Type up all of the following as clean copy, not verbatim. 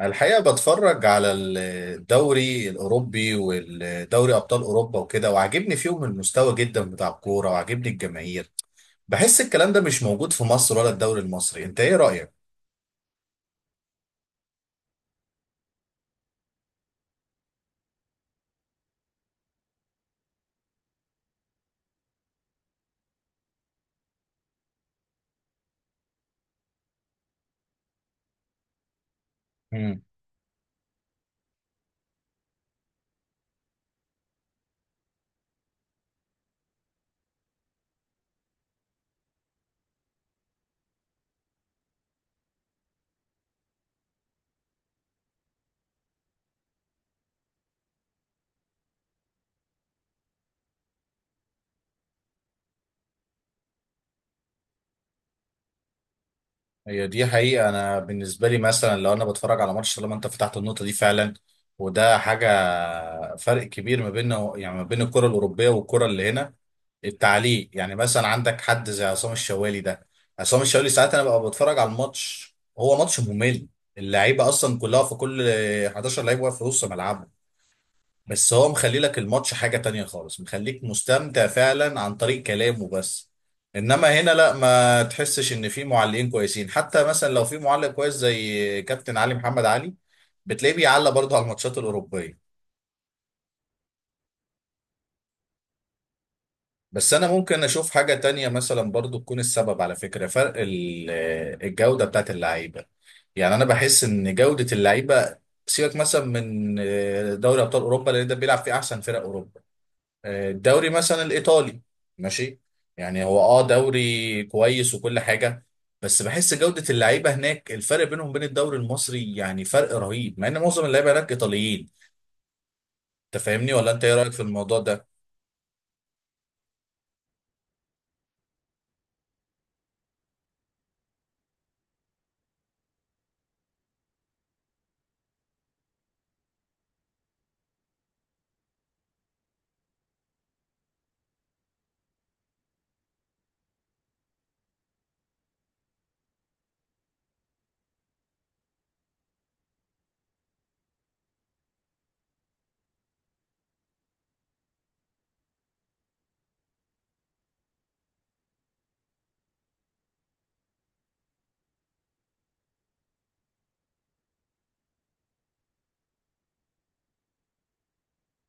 الحقيقة بتفرج على الدوري الأوروبي والدوري أبطال أوروبا وكده، وعاجبني فيهم المستوى جدا بتاع الكورة، وعاجبني الجماهير. بحس الكلام ده مش موجود في مصر ولا الدوري المصري. أنت إيه رأيك؟ هي دي حقيقة. أنا بالنسبة لي مثلا لو أنا بتفرج على ماتش، طالما أنت فتحت النقطة دي فعلا، وده حاجة، فرق كبير ما بين يعني ما بين الكرة الأوروبية والكرة اللي هنا. التعليق، يعني مثلا عندك حد زي عصام الشوالي ده. عصام الشوالي ساعات أنا ببقى بتفرج على الماتش، هو ماتش ممل، اللعيبة أصلا كلها في كل، 11 لعيب واقف في نص ملعبهم، بس هو مخلي لك الماتش حاجة تانية خالص، مخليك مستمتع فعلا عن طريق كلامه بس. انما هنا لا، ما تحسش ان في معلقين كويسين، حتى مثلا لو في معلق كويس زي كابتن علي محمد علي، بتلاقيه بيعلق برضه على الماتشات الأوروبية. بس انا ممكن اشوف حاجة تانية مثلا برضه تكون السبب، على فكرة، فرق الجودة بتاعت اللعيبة. يعني انا بحس ان جودة اللعيبة، سيبك مثلا من دوري ابطال اوروبا لان ده بيلعب فيه احسن فرق اوروبا، الدوري مثلا الايطالي، ماشي، يعني هو دوري كويس وكل حاجه، بس بحس جوده اللعيبه هناك الفرق بينهم وبين الدوري المصري يعني فرق رهيب، مع ان معظم اللعيبه هناك ايطاليين. انت فاهمني؟ ولا انت ايه رايك في الموضوع ده؟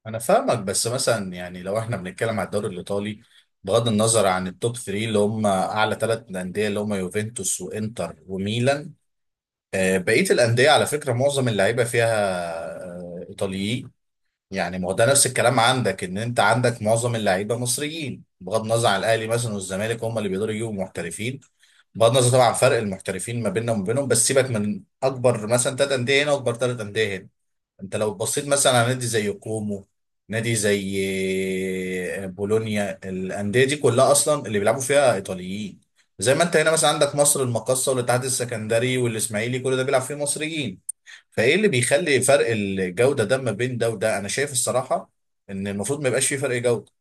انا فاهمك، بس مثلا يعني لو احنا بنتكلم على الدوري الايطالي، بغض النظر عن التوب 3 اللي هم اعلى ثلاث انديه، اللي هم يوفنتوس وانتر وميلان، بقيه الانديه على فكره معظم اللعيبه فيها ايطاليين. يعني ما هو ده نفس الكلام عندك، ان انت عندك معظم اللعيبه مصريين بغض النظر عن الاهلي مثلا والزمالك، هم اللي بيقدروا يجيبوا محترفين. بغض النظر طبعا عن فرق المحترفين ما بيننا وما بينهم، بس سيبك من اكبر مثلا ثلاث انديه هنا واكبر ثلاث انديه هنا. انت لو بصيت مثلا على نادي زي كومو، نادي زي بولونيا، الانديه دي كلها اصلا اللي بيلعبوا فيها ايطاليين. زي ما انت هنا مثلا عندك مصر المقاصه والاتحاد السكندري والاسماعيلي، كل ده بيلعب فيه مصريين. فايه اللي بيخلي فرق الجوده ده ما بين ده وده؟ انا شايف الصراحه ان المفروض ما يبقاش فيه فرق جوده.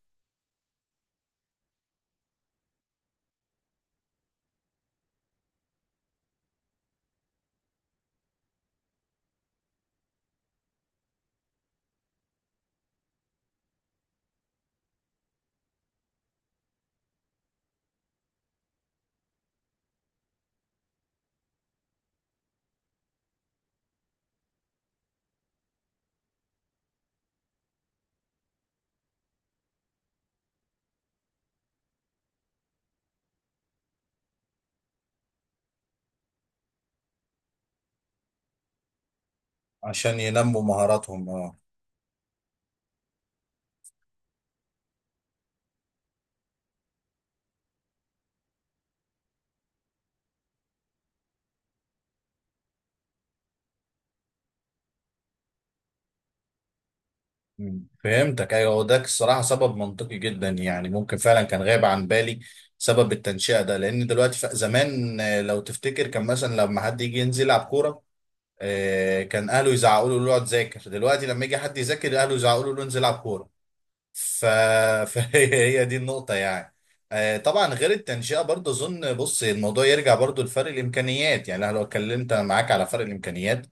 عشان ينموا مهاراتهم، اه. مم. فهمتك. ايوه، هو ده الصراحه سبب منطقي جدا، يعني ممكن فعلا كان غايب عن بالي سبب التنشئه ده. لان دلوقتي، زمان لو تفتكر كان مثلا لما حد يجي ينزل يلعب كوره، كان اهله يزعقوا له اقعد ذاكر، دلوقتي لما يجي حد يذاكر اهله يزعقوا له انزل العب كوره. ف... فهي دي النقطة يعني. طبعا غير التنشئة برضه، أظن بص الموضوع يرجع برضه لفرق الإمكانيات. يعني أنا لو اتكلمت معاك على فرق الإمكانيات،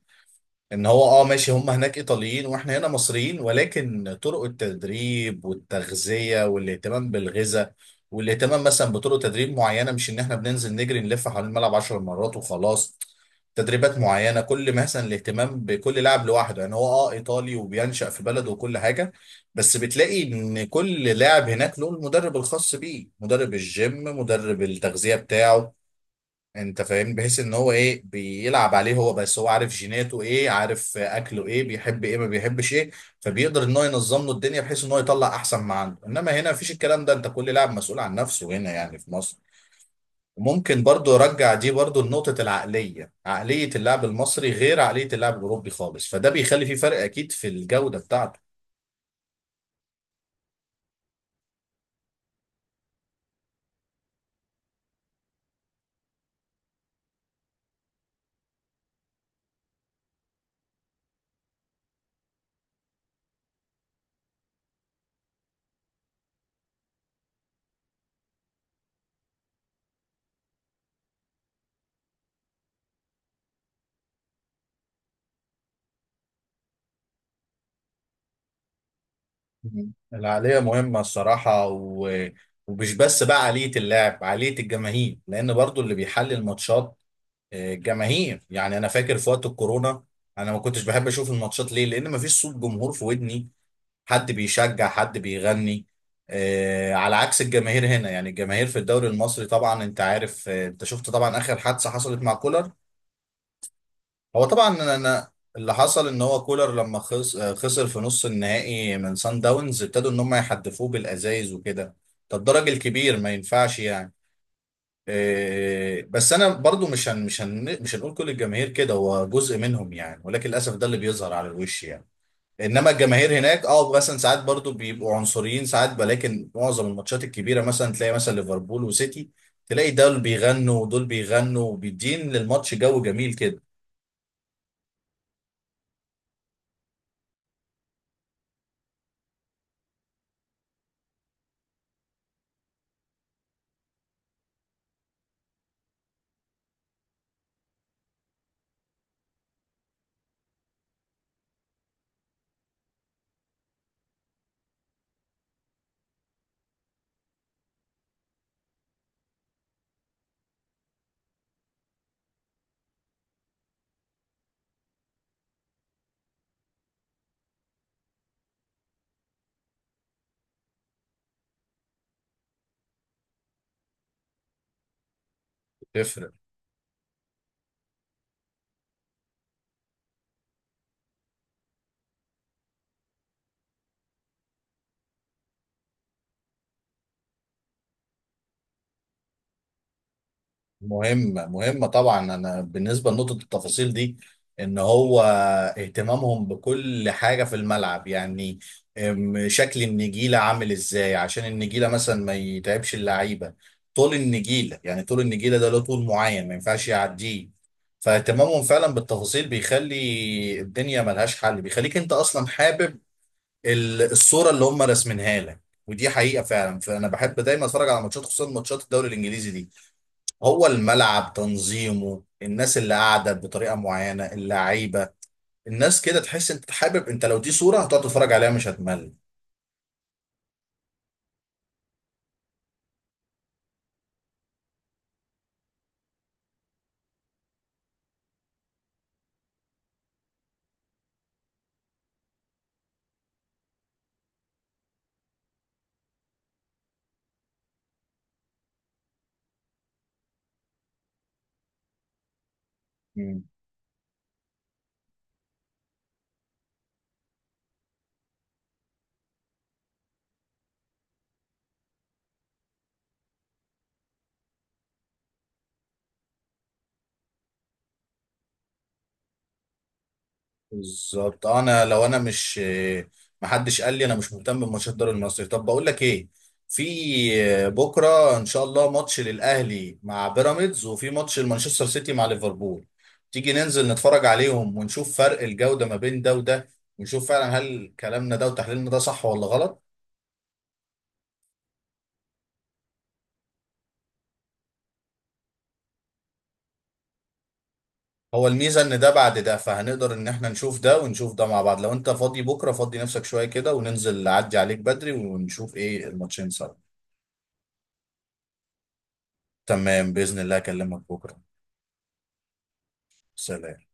ان هو ماشي، هم هناك ايطاليين واحنا هنا مصريين، ولكن طرق التدريب والتغذيه والاهتمام بالغذاء، والاهتمام مثلا بطرق تدريب معينه، مش ان احنا بننزل نجري نلف حوالين الملعب 10 مرات وخلاص. تدريبات معينه، كل مثلا الاهتمام بكل لاعب لوحده. يعني هو ايطالي وبينشأ في بلده وكل حاجه، بس بتلاقي ان كل لاعب هناك له المدرب الخاص بيه، مدرب الجيم، مدرب التغذيه بتاعه. انت فاهم؟ بحيث ان هو ايه بيلعب عليه هو بس، هو عارف جيناته ايه، عارف اكله ايه، بيحب ايه، ما بيحبش ايه. فبيقدر ان هو ينظم له الدنيا بحيث ان هو يطلع احسن ما عنده. انما هنا مفيش الكلام ده، انت كل لاعب مسؤول عن نفسه هنا يعني في مصر. ممكن برضو ارجع دي برضو لنقطة العقلية، عقلية اللاعب المصري غير عقلية اللاعب الاوروبي خالص، فده بيخلي فيه فرق اكيد في الجودة بتاعته. مم. العقلية مهمة الصراحة، ومش بس بقى عقلية اللاعب، عقلية الجماهير، لان برضو اللي بيحلل ماتشات جماهير. يعني انا فاكر في وقت الكورونا، انا ما كنتش بحب اشوف الماتشات، ليه؟ لان ما فيش صوت جمهور في ودني، حد بيشجع، حد بيغني، على عكس الجماهير هنا. يعني الجماهير في الدوري المصري طبعا انت عارف، انت شفت طبعا اخر حادثة حصلت مع كولر. هو طبعا انا اللي حصل ان هو كولر لما خسر في نص النهائي من سان داونز، ابتدوا ان هم يحدفوه بالازايز وكده. ده الدرج الكبير، ما ينفعش يعني. إيه، بس انا برضو مش هنقول كل الجماهير كده، هو جزء منهم يعني، ولكن للاسف ده اللي بيظهر على الوش يعني. انما الجماهير هناك، مثلا ساعات برضو بيبقوا عنصريين ساعات، ولكن معظم الماتشات الكبيره مثلا تلاقي مثلا ليفربول وسيتي، تلاقي دول بيغنوا ودول بيغنوا وبيدين للماتش جو جميل كده. بتفرق. مهمة مهمة طبعا. أنا بالنسبة لنقطة التفاصيل دي، إن هو اهتمامهم بكل حاجة في الملعب، يعني شكل النجيلة عامل إزاي عشان النجيلة مثلا ما يتعبش اللعيبة، طول النجيلة، يعني طول النجيلة ده له طول معين ما ينفعش يعديه. فاهتمامهم فعلا بالتفاصيل بيخلي الدنيا ملهاش حل، بيخليك أنت أصلا حابب الصورة اللي هم راسمينها لك. ودي حقيقة فعلا، فأنا بحب دايما أتفرج على ماتشات خصوصا ماتشات الدوري الإنجليزي دي. هو الملعب تنظيمه، الناس اللي قاعده بطريقه معينه، اللعيبه، الناس كده، تحس انت حابب، انت لو دي صوره هتقعد تتفرج عليها مش هتمل. مم. بالظبط. انا لو انا مش، محدش قال لي انا مش مهتم بماتشات الدوري المصري، طب بقول لك ايه، في بكره ان شاء الله ماتش للاهلي مع بيراميدز، وفي ماتش لمانشستر سيتي مع ليفربول، تيجي ننزل نتفرج عليهم ونشوف فرق الجوده ما بين ده وده، ونشوف فعلا هل كلامنا ده وتحليلنا ده صح ولا غلط. هو الميزة ان ده بعد ده، فهنقدر ان احنا نشوف ده ونشوف ده مع بعض. لو انت فاضي بكرة، فاضي نفسك شوية كده، وننزل، اعدي عليك بدري ونشوف ايه الماتشين سوا. تمام، بإذن الله اكلمك بكرة. سلام.